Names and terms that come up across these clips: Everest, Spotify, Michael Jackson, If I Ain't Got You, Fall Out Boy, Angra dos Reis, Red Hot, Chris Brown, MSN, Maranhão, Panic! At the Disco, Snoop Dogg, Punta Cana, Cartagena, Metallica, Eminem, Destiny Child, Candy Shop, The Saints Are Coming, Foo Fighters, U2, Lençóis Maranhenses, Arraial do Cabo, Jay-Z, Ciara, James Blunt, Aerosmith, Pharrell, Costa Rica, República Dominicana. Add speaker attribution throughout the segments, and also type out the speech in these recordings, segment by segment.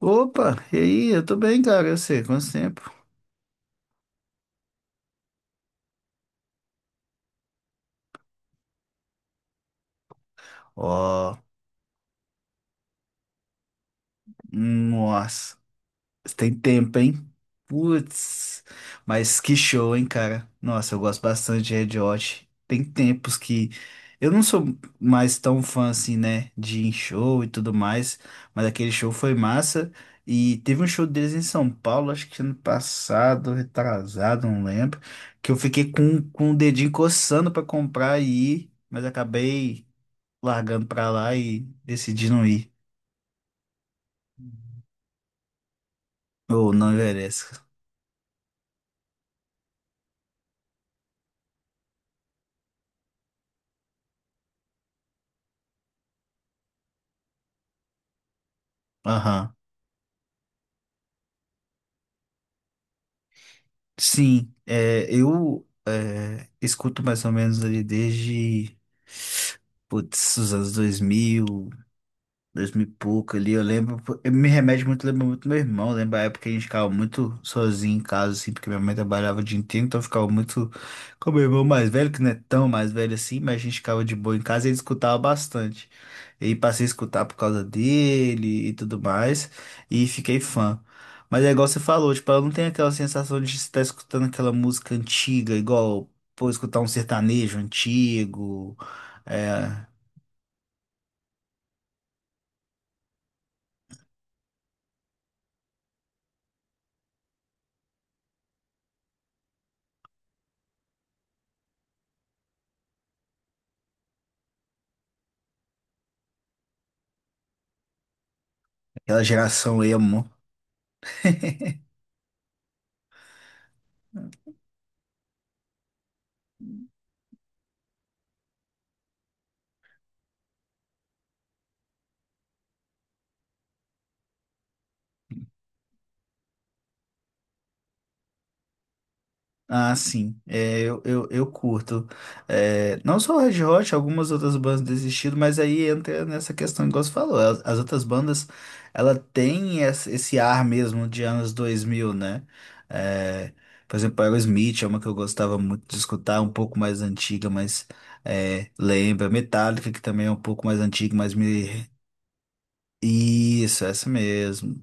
Speaker 1: Opa, e aí? Eu tô bem, cara. Eu sei, quanto tempo? Ó, nossa, tem tempo, hein? Putz, mas que show, hein, cara? Nossa, eu gosto bastante de Red Hot. Tem tempos que eu não sou mais tão fã assim, né, de ir em show e tudo mais, mas aquele show foi massa. E teve um show deles em São Paulo, acho que ano passado, retrasado, não lembro, que eu fiquei com o dedinho coçando pra comprar e ir, mas acabei largando pra lá e decidindo ir. Ou não Everest. Aham. Sim, é, eu escuto mais ou menos ali desde putz, os anos 2000, dois mil e pouco ali, eu lembro. Eu me remete muito, lembro muito do meu irmão. Eu lembro a época que a gente ficava muito sozinho em casa, assim, porque minha mãe trabalhava o dia inteiro, então eu ficava muito com meu irmão mais velho, que não é tão mais velho assim, mas a gente ficava de boa em casa e ele escutava bastante. E aí passei a escutar por causa dele e tudo mais, e fiquei fã. Mas é igual você falou, tipo, eu não tenho aquela sensação de estar escutando aquela música antiga, igual, pô, escutar um sertanejo antigo, é, aquela geração emo. Ah, sim. É, eu curto. É, não só o Red Hot, algumas outras bandas desistiram, mas aí entra nessa questão, igual você falou. As outras bandas, ela tem esse ar mesmo de anos 2000, né? É, por exemplo, Aerosmith é uma que eu gostava muito de escutar, um pouco mais antiga, mas é, lembra. Metallica, que também é um pouco mais antiga, mas me isso, essa mesmo.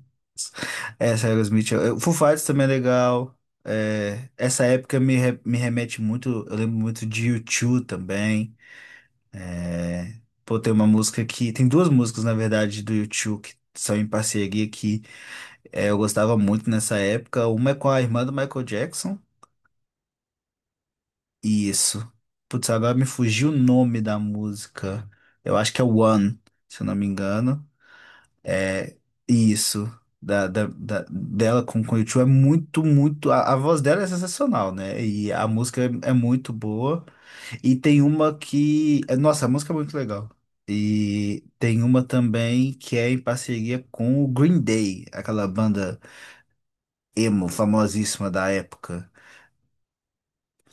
Speaker 1: Essa é Aerosmith. Foo Fighters também é legal. É, essa época me remete muito. Eu lembro muito de U2 também. É, pô, tem uma música que. Tem duas músicas, na verdade, do U2 que são em parceria que eu gostava muito nessa época. Uma é com a irmã do Michael Jackson. Isso. Putz, agora me fugiu o nome da música. Eu acho que é One, se eu não me engano. É isso. Dela com o u é muito, muito. A voz dela é sensacional, né? E a música é muito boa. E tem uma que. Nossa, a música é muito legal. E tem uma também que é em parceria com o Green Day, aquela banda emo famosíssima da época.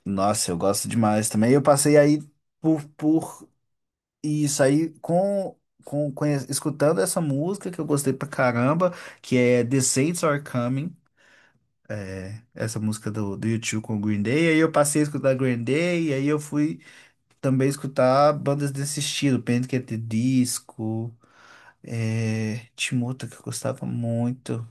Speaker 1: Nossa, eu gosto demais também. Eu passei aí por. Isso aí, escutando essa música que eu gostei pra caramba, que é The Saints Are Coming, é, essa música do U2 com o Green Day, aí eu passei a escutar Green Day, e aí eu fui também escutar bandas desse estilo, Panic! At the Disco, tinha uma outra que eu gostava muito.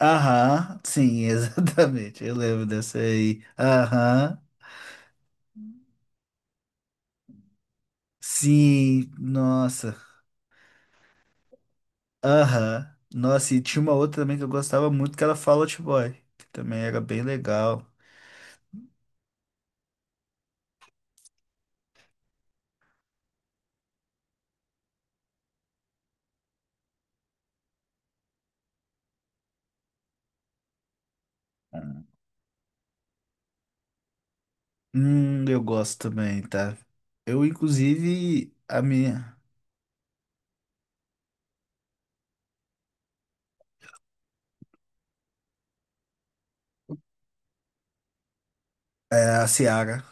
Speaker 1: Aham, sim, exatamente, eu lembro dessa aí. Aham, sim, nossa. Aham. Nossa, e tinha uma outra também que eu gostava muito, que era Fall Out Boy, que também era bem legal. Eu gosto também, tá? Eu, inclusive, a minha. É, a Ciara.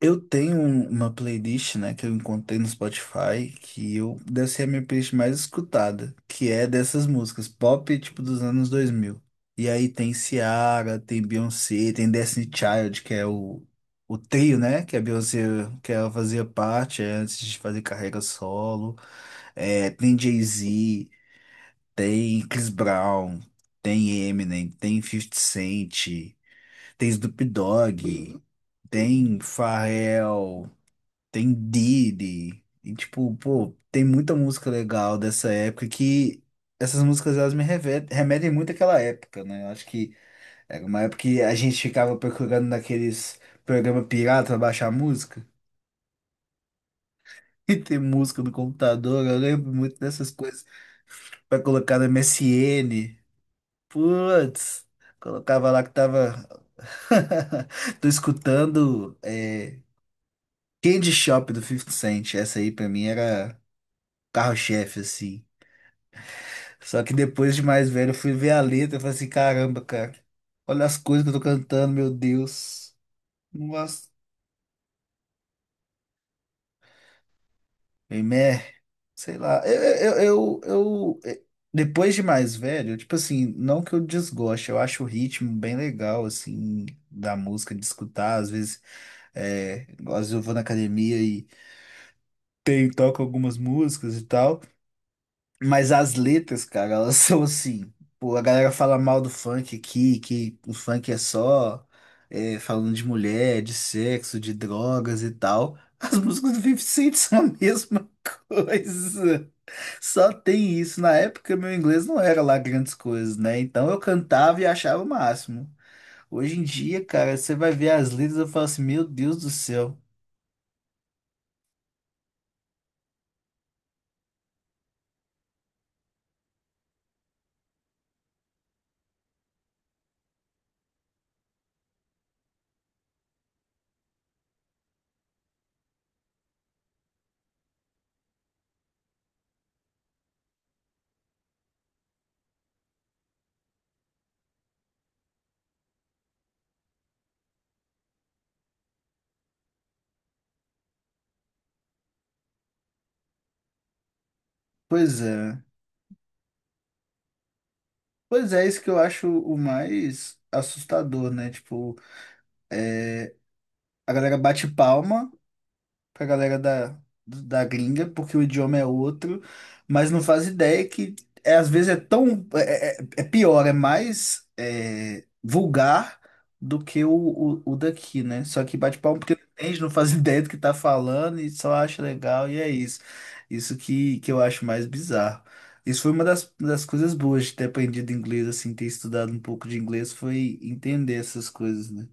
Speaker 1: Eu tenho uma playlist, né, que eu encontrei no Spotify, que eu deve ser a minha playlist mais escutada, que é dessas músicas pop, tipo, dos anos 2000. E aí tem Ciara, tem Beyoncé, tem Destiny Child, que é o trio, né, que a Beyoncé, que ela fazia parte antes de fazer carreira solo. É, tem Jay-Z, tem Chris Brown, tem Eminem, tem 50 Cent, tem Snoop Dogg, tem Pharrell. Tem Diddy. E, tipo, pô, tem muita música legal dessa época, que essas músicas elas me remetem muito àquela época, né? Eu acho que era uma época que a gente ficava procurando naqueles programas pirata pra baixar música. E tem música no computador, eu lembro muito dessas coisas. Pra colocar no MSN. Putz, colocava lá que tava. Tô escutando Candy Shop do 50 Cent. Essa aí pra mim era carro-chefe, assim. Só que depois de mais velho, eu fui ver a letra e falei assim, caramba, cara, olha as coisas que eu tô cantando, meu Deus. Não gosto. Meh, sei lá. Depois de mais velho, tipo assim, não que eu desgoste, eu acho o ritmo bem legal, assim, da música, de escutar. Às vezes eu vou na academia e toco algumas músicas e tal. Mas as letras, cara, elas são assim. Pô, a galera fala mal do funk aqui, que o funk é só falando de mulher, de sexo, de drogas e tal. As músicas do 50 Cent são a mesma coisa. Só tem isso. Na época, meu inglês não era lá grandes coisas, né? Então eu cantava e achava o máximo. Hoje em dia, cara, você vai ver as letras e fala assim: meu Deus do céu. Pois é. Pois é, isso que eu acho o mais assustador, né? Tipo. A galera bate palma pra galera da gringa, porque o idioma é outro, mas não faz ideia que é, às vezes é tão. É pior, é mais vulgar do que o daqui, né? Só que bate palma porque não entende, não faz ideia do que tá falando e só acha legal, e é isso. Isso que eu acho mais bizarro. Isso foi uma das coisas boas de ter aprendido inglês, assim, ter estudado um pouco de inglês, foi entender essas coisas, né?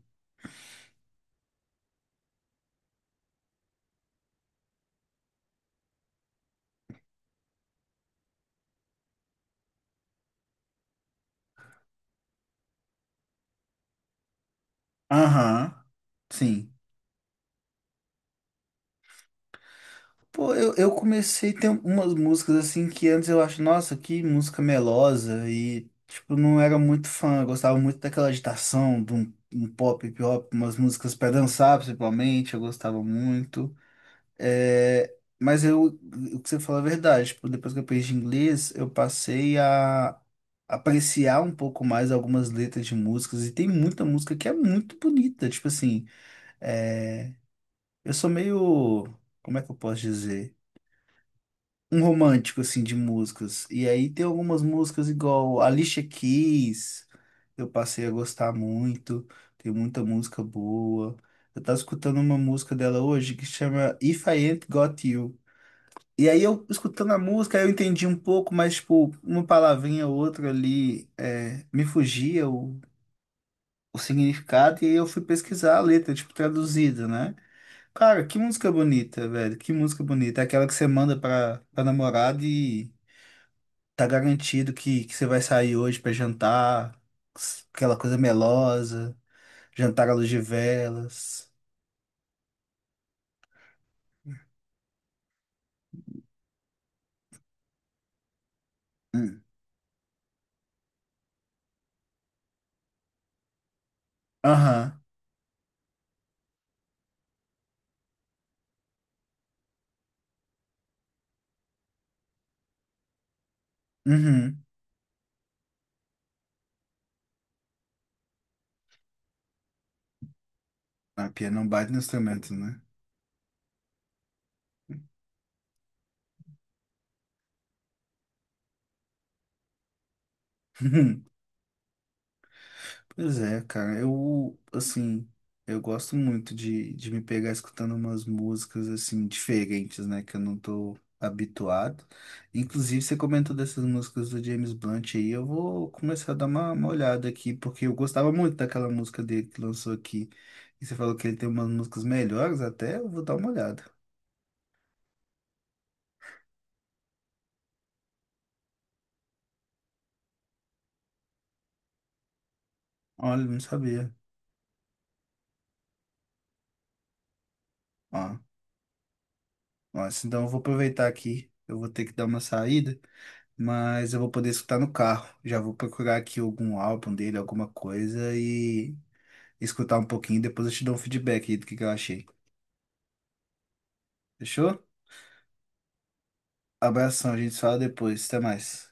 Speaker 1: Aham, sim. Pô, eu comecei a ter umas músicas assim que antes eu acho, nossa, que música melosa e tipo, não era muito fã, eu gostava muito daquela agitação, de um pop, hip hop, umas músicas pra dançar, principalmente, eu gostava muito. É, mas eu, o que você fala é verdade, tipo, depois que eu aprendi inglês, eu passei a apreciar um pouco mais algumas letras de músicas e tem muita música que é muito bonita, tipo assim, é, eu sou meio, como é que eu posso dizer? Um romântico, assim, de músicas. E aí tem algumas músicas igual Alicia Keys, eu passei a gostar muito, tem muita música boa. Eu tava escutando uma música dela hoje que chama If I Ain't Got You. E aí eu, escutando a música, eu entendi um pouco, mas, tipo, uma palavrinha ou outra ali me fugia o significado e aí eu fui pesquisar a letra, tipo, traduzida, né? Cara, que música bonita, velho. Que música bonita. É aquela que você manda pra namorada e tá garantido que você vai sair hoje pra jantar, aquela coisa melosa, jantar à luz de velas. Hum. Aham, uhum. A pia não bate no instrumento, né? Pois é, cara, eu, assim, eu gosto muito de me pegar escutando umas músicas, assim, diferentes, né, que eu não tô habituado. Inclusive, você comentou dessas músicas do James Blunt aí, eu vou começar a dar uma olhada aqui, porque eu gostava muito daquela música dele que lançou aqui. E você falou que ele tem umas músicas melhores até, eu vou dar uma olhada. Olha, não sabia. Ó, ó, assim, então eu vou aproveitar aqui, eu vou ter que dar uma saída. Mas eu vou poder escutar no carro. Já vou procurar aqui algum álbum dele, alguma coisa e escutar um pouquinho. Depois eu te dou um feedback aí do que eu achei. Fechou? Abração, a gente se fala depois. Até mais.